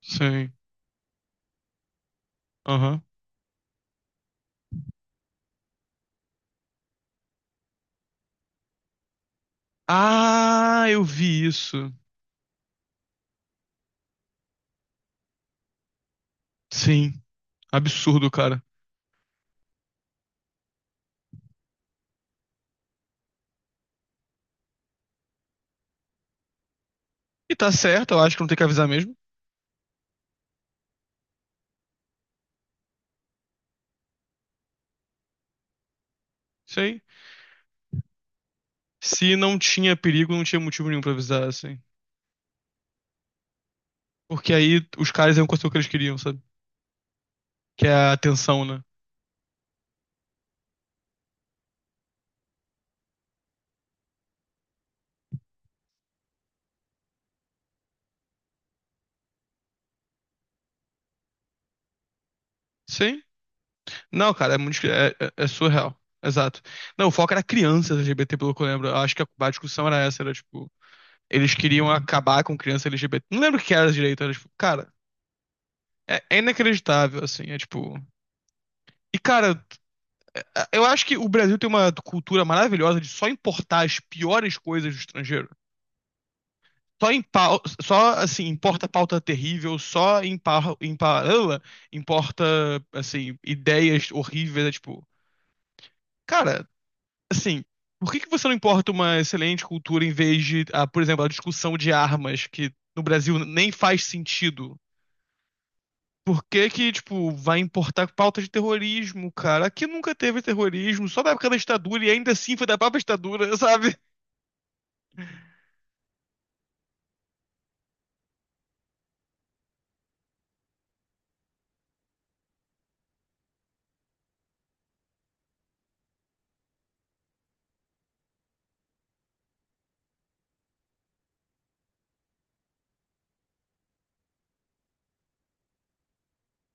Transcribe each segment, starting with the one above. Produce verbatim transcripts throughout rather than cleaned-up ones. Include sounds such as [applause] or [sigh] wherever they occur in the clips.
Sim. Aham. Ah, eu vi isso. Sim. Absurdo, cara. E tá certo, eu acho que não tem que avisar mesmo. Sei. Se não tinha perigo, não tinha motivo nenhum pra avisar, assim. Porque aí os caras iam conseguir o que eles queriam, sabe? Que é a atenção, né? Sim. Não, cara, é muito. É, é- é surreal. Exato. Não, o foco era crianças L G B T, pelo que eu lembro. Eu acho que a, a discussão era essa, era tipo. Eles queriam acabar com criança L G B T. Não lembro o que era direito, era tipo. Cara, é, é inacreditável, assim. É tipo. E, cara, eu acho que o Brasil tem uma cultura maravilhosa de só importar as piores coisas do estrangeiro. Só, impa- só assim, importa pauta terrível, só impa- impa- ela, importa assim, ideias horríveis, é tipo, cara, assim, por que que você não importa uma excelente cultura em vez de, ah, por exemplo, a discussão de armas que no Brasil nem faz sentido? Por que que, tipo, vai importar pauta de terrorismo, cara? Aqui nunca teve terrorismo, só na época da ditadura e ainda assim foi da própria ditadura, [laughs] sabe?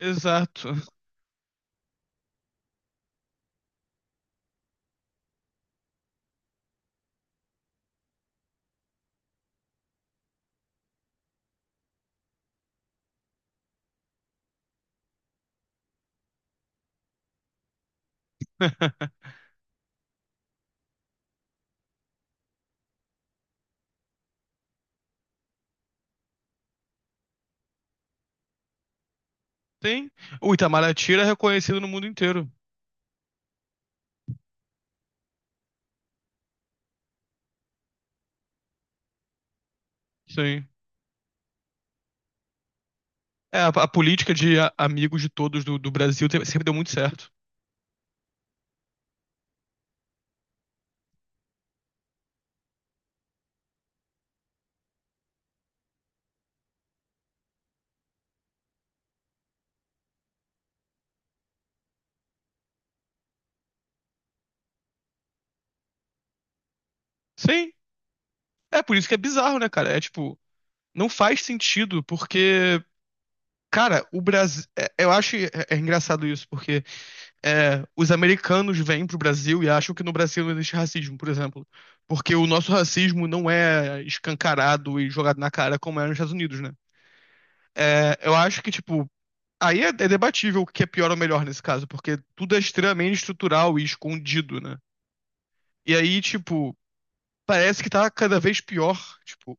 Exato. [laughs] Tem. O Itamaraty era reconhecido no mundo inteiro. Sim. É, a, a política de a- amigos de todos do, do Brasil te- sempre deu muito certo. Sim. É por isso que é bizarro, né, cara? É tipo, não faz sentido, porque, cara, o Brasil. Eu acho é, é engraçado isso, porque é, os americanos vêm pro Brasil e acham que no Brasil não existe racismo, por exemplo. Porque o nosso racismo não é escancarado e jogado na cara como é nos Estados Unidos, né? É, eu acho que, tipo, aí é, é debatível o que é pior ou melhor nesse caso, porque tudo é extremamente estrutural e escondido, né? E aí, tipo, parece que tá cada vez pior. Tipo,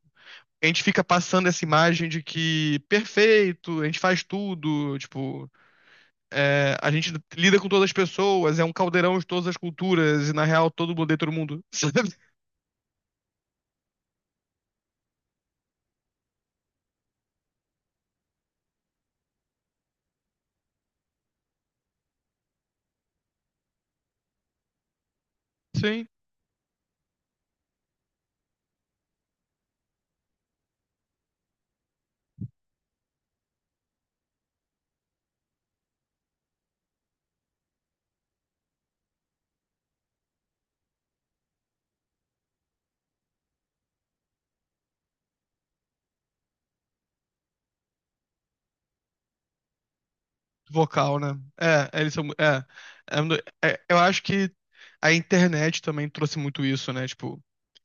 a gente fica passando essa imagem de que perfeito, a gente faz tudo, tipo, é, a gente lida com todas as pessoas, é um caldeirão de todas as culturas, e na real todo mundo odeia todo mundo. [laughs] Sim, vocal, né? É, é, eles são. É, é, é, eu acho que a internet também trouxe muito isso, né? Tipo,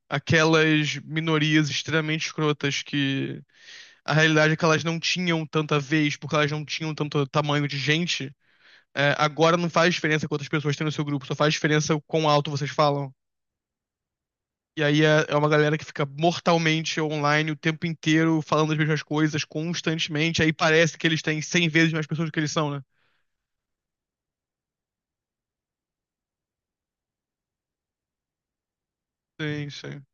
aquelas minorias extremamente escrotas que a realidade é que elas não tinham tanta vez, porque elas não tinham tanto tamanho de gente, é, agora não faz diferença quantas pessoas tem no seu grupo, só faz diferença o quão alto vocês falam. E aí é, é uma galera que fica mortalmente online o tempo inteiro, falando as mesmas coisas constantemente, aí parece que eles têm cem vezes mais pessoas do que eles são, né? Sim, sim.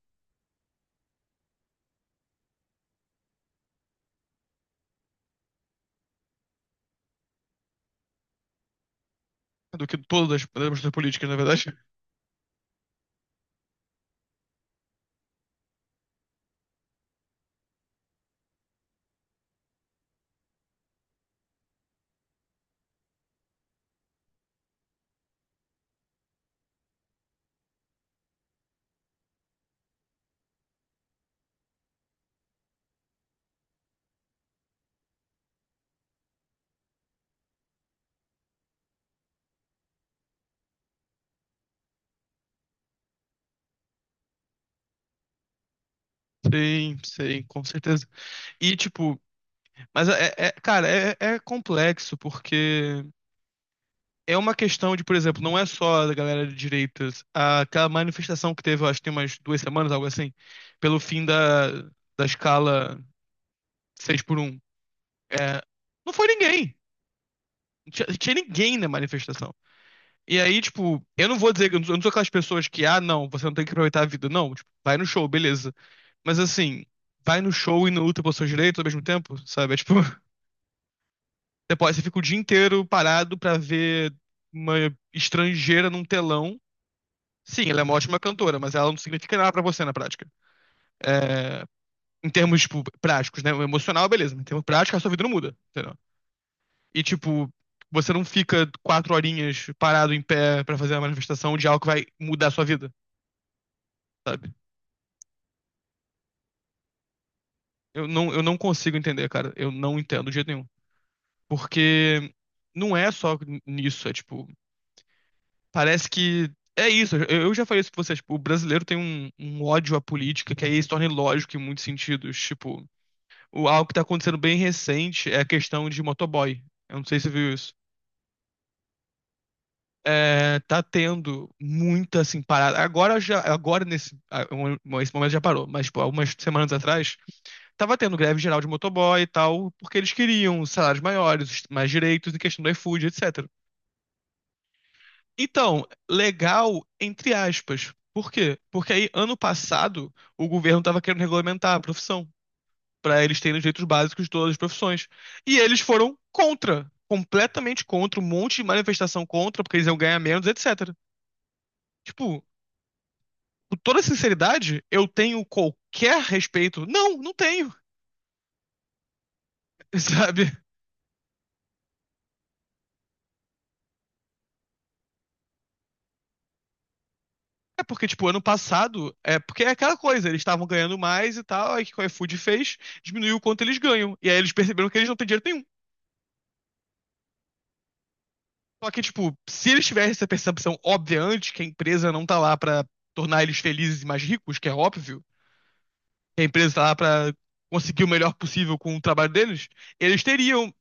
Do que todas as pessoas políticas, na verdade. Sim, sim, com certeza. E, tipo, mas, é, é- é, cara, é, é complexo, porque é uma questão de, por exemplo, não é só da galera de direitas. Aquela manifestação que teve, eu acho que tem umas duas semanas, algo assim, pelo fim da, da escala seis por um, é, não foi ninguém. Não tinha, não tinha ninguém na manifestação. E aí, tipo, eu não vou dizer, que- eu não sou eu não sou aquelas pessoas que, ah, não, você não tem que aproveitar a vida. Não, tipo, vai no show, beleza. Mas assim, vai no show e não luta pelos seus direitos ao mesmo tempo, sabe? É tipo, [laughs] você pode, você fica o dia inteiro parado pra ver uma estrangeira num telão. Sim, ela é uma ótima cantora, mas ela não significa nada pra você na prática. É, em termos, tipo, práticos, né? O emocional, beleza. Mas em termos práticos, a sua vida não muda, entendeu? E, tipo, você não fica quatro horinhas parado em pé pra fazer uma manifestação de algo que vai mudar a sua vida, sabe? Eu não, eu não consigo entender, cara. Eu não entendo de jeito nenhum. Porque não é só nisso, é tipo, parece que é isso. Eu, eu já falei isso pra vocês, tipo, o brasileiro tem um, um, ódio à política que aí se torna ilógico em muitos sentidos, tipo, o algo que tá acontecendo bem recente é a questão de motoboy. Eu não sei se você viu isso. É, tá tendo muita, assim, parada. Agora já, agora nesse, ah, um- um, esse momento já parou, mas, tipo, algumas semanas atrás, tava tendo greve geral de motoboy e tal, porque eles queriam salários maiores, mais direitos em questão do iFood, etecétera. Então, legal, entre aspas. Por quê? Porque aí, ano passado, o governo tava querendo regulamentar a profissão para eles terem os direitos básicos de todas as profissões. E eles foram contra, completamente contra, um monte de manifestação contra, porque eles iam ganhar menos, etecétera. Tipo, com toda sinceridade, eu tenho qualquer respeito? Não, não tenho, [laughs] sabe? É porque, tipo, ano passado, é porque é aquela coisa, eles estavam ganhando mais e tal, aí o que o iFood fez, diminuiu o quanto eles ganham. E aí eles perceberam que eles não têm dinheiro nenhum. Só que, tipo, se eles tivessem essa percepção óbvia antes, que a empresa não tá lá pra tornar eles felizes e mais ricos, que é óbvio, que a empresa está lá para conseguir o melhor possível com o trabalho deles, eles teriam,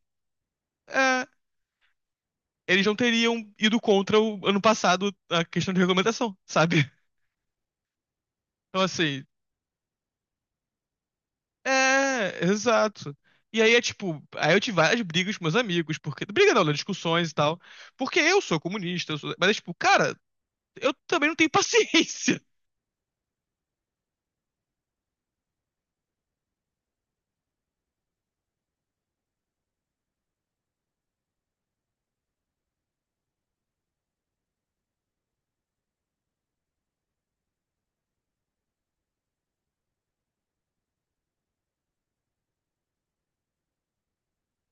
é, eles não teriam ido contra o ano passado a questão de regulamentação, sabe? [laughs] Então, assim, é, exato. E aí é tipo, aí eu tive várias brigas com meus amigos, porque. Briga não, né? Discussões e tal. Porque eu sou comunista, eu sou- mas é tipo, cara, eu também não tenho [laughs] paciência.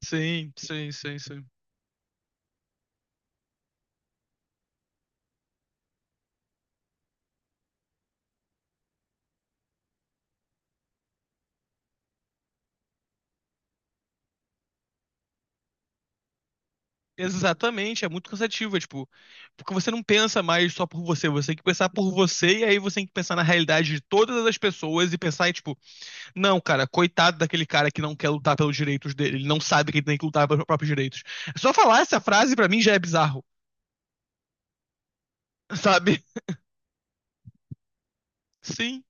Sim, sim, sim, sim. Exatamente, é muito cansativo, é tipo, porque você não pensa mais só por você, você tem que pensar por você e aí você tem que pensar na realidade de todas as pessoas e pensar, e, tipo, não, cara, coitado daquele cara que não quer lutar pelos direitos dele, ele não sabe que ele tem que lutar pelos próprios direitos. Só falar essa frase pra mim já é bizarro, [laughs] sabe? Sim,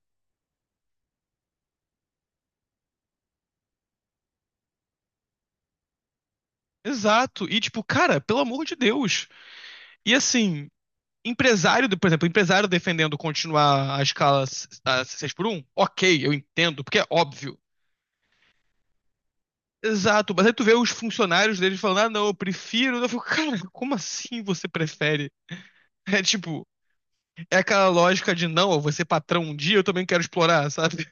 exato. E tipo, cara, pelo amor de Deus. E assim, empresário, por exemplo, empresário defendendo continuar a escala seis por um ok, eu entendo, porque é óbvio. Exato, mas aí tu vê os funcionários deles falando, ah, não, eu prefiro. Eu fico, cara, como assim você prefere? É tipo, é aquela lógica de não, eu vou ser patrão um dia, eu também quero explorar, sabe?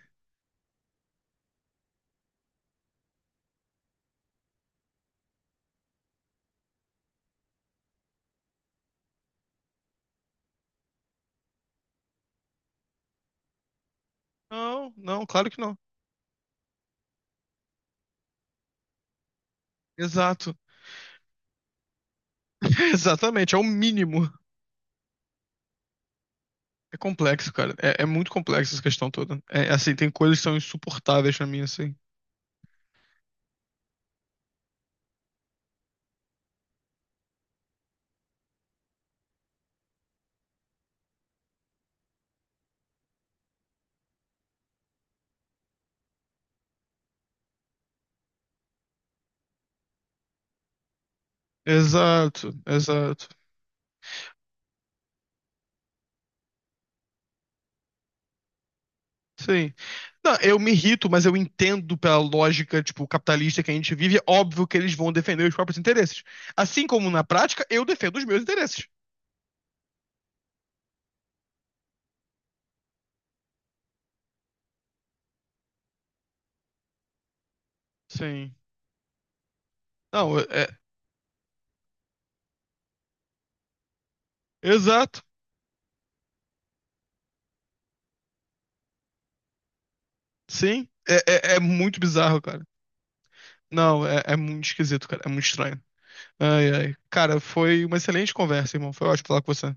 Não, não, claro que não. Exato. [laughs] Exatamente, é o mínimo. É complexo, cara. É, é muito complexo essa questão toda. É assim, tem coisas que são insuportáveis pra mim, assim. Exato, exato. Sim. Não, eu me irrito, mas eu entendo pela lógica, tipo, capitalista que a gente vive, é óbvio que eles vão defender os próprios interesses. Assim como na prática, eu defendo os meus interesses. Sim. Não, é, é- exato. Sim. É, é, é muito bizarro, cara. Não, é, é muito esquisito, cara. É muito estranho. Ai, ai. Cara, foi uma excelente conversa, irmão. Foi ótimo falar com você.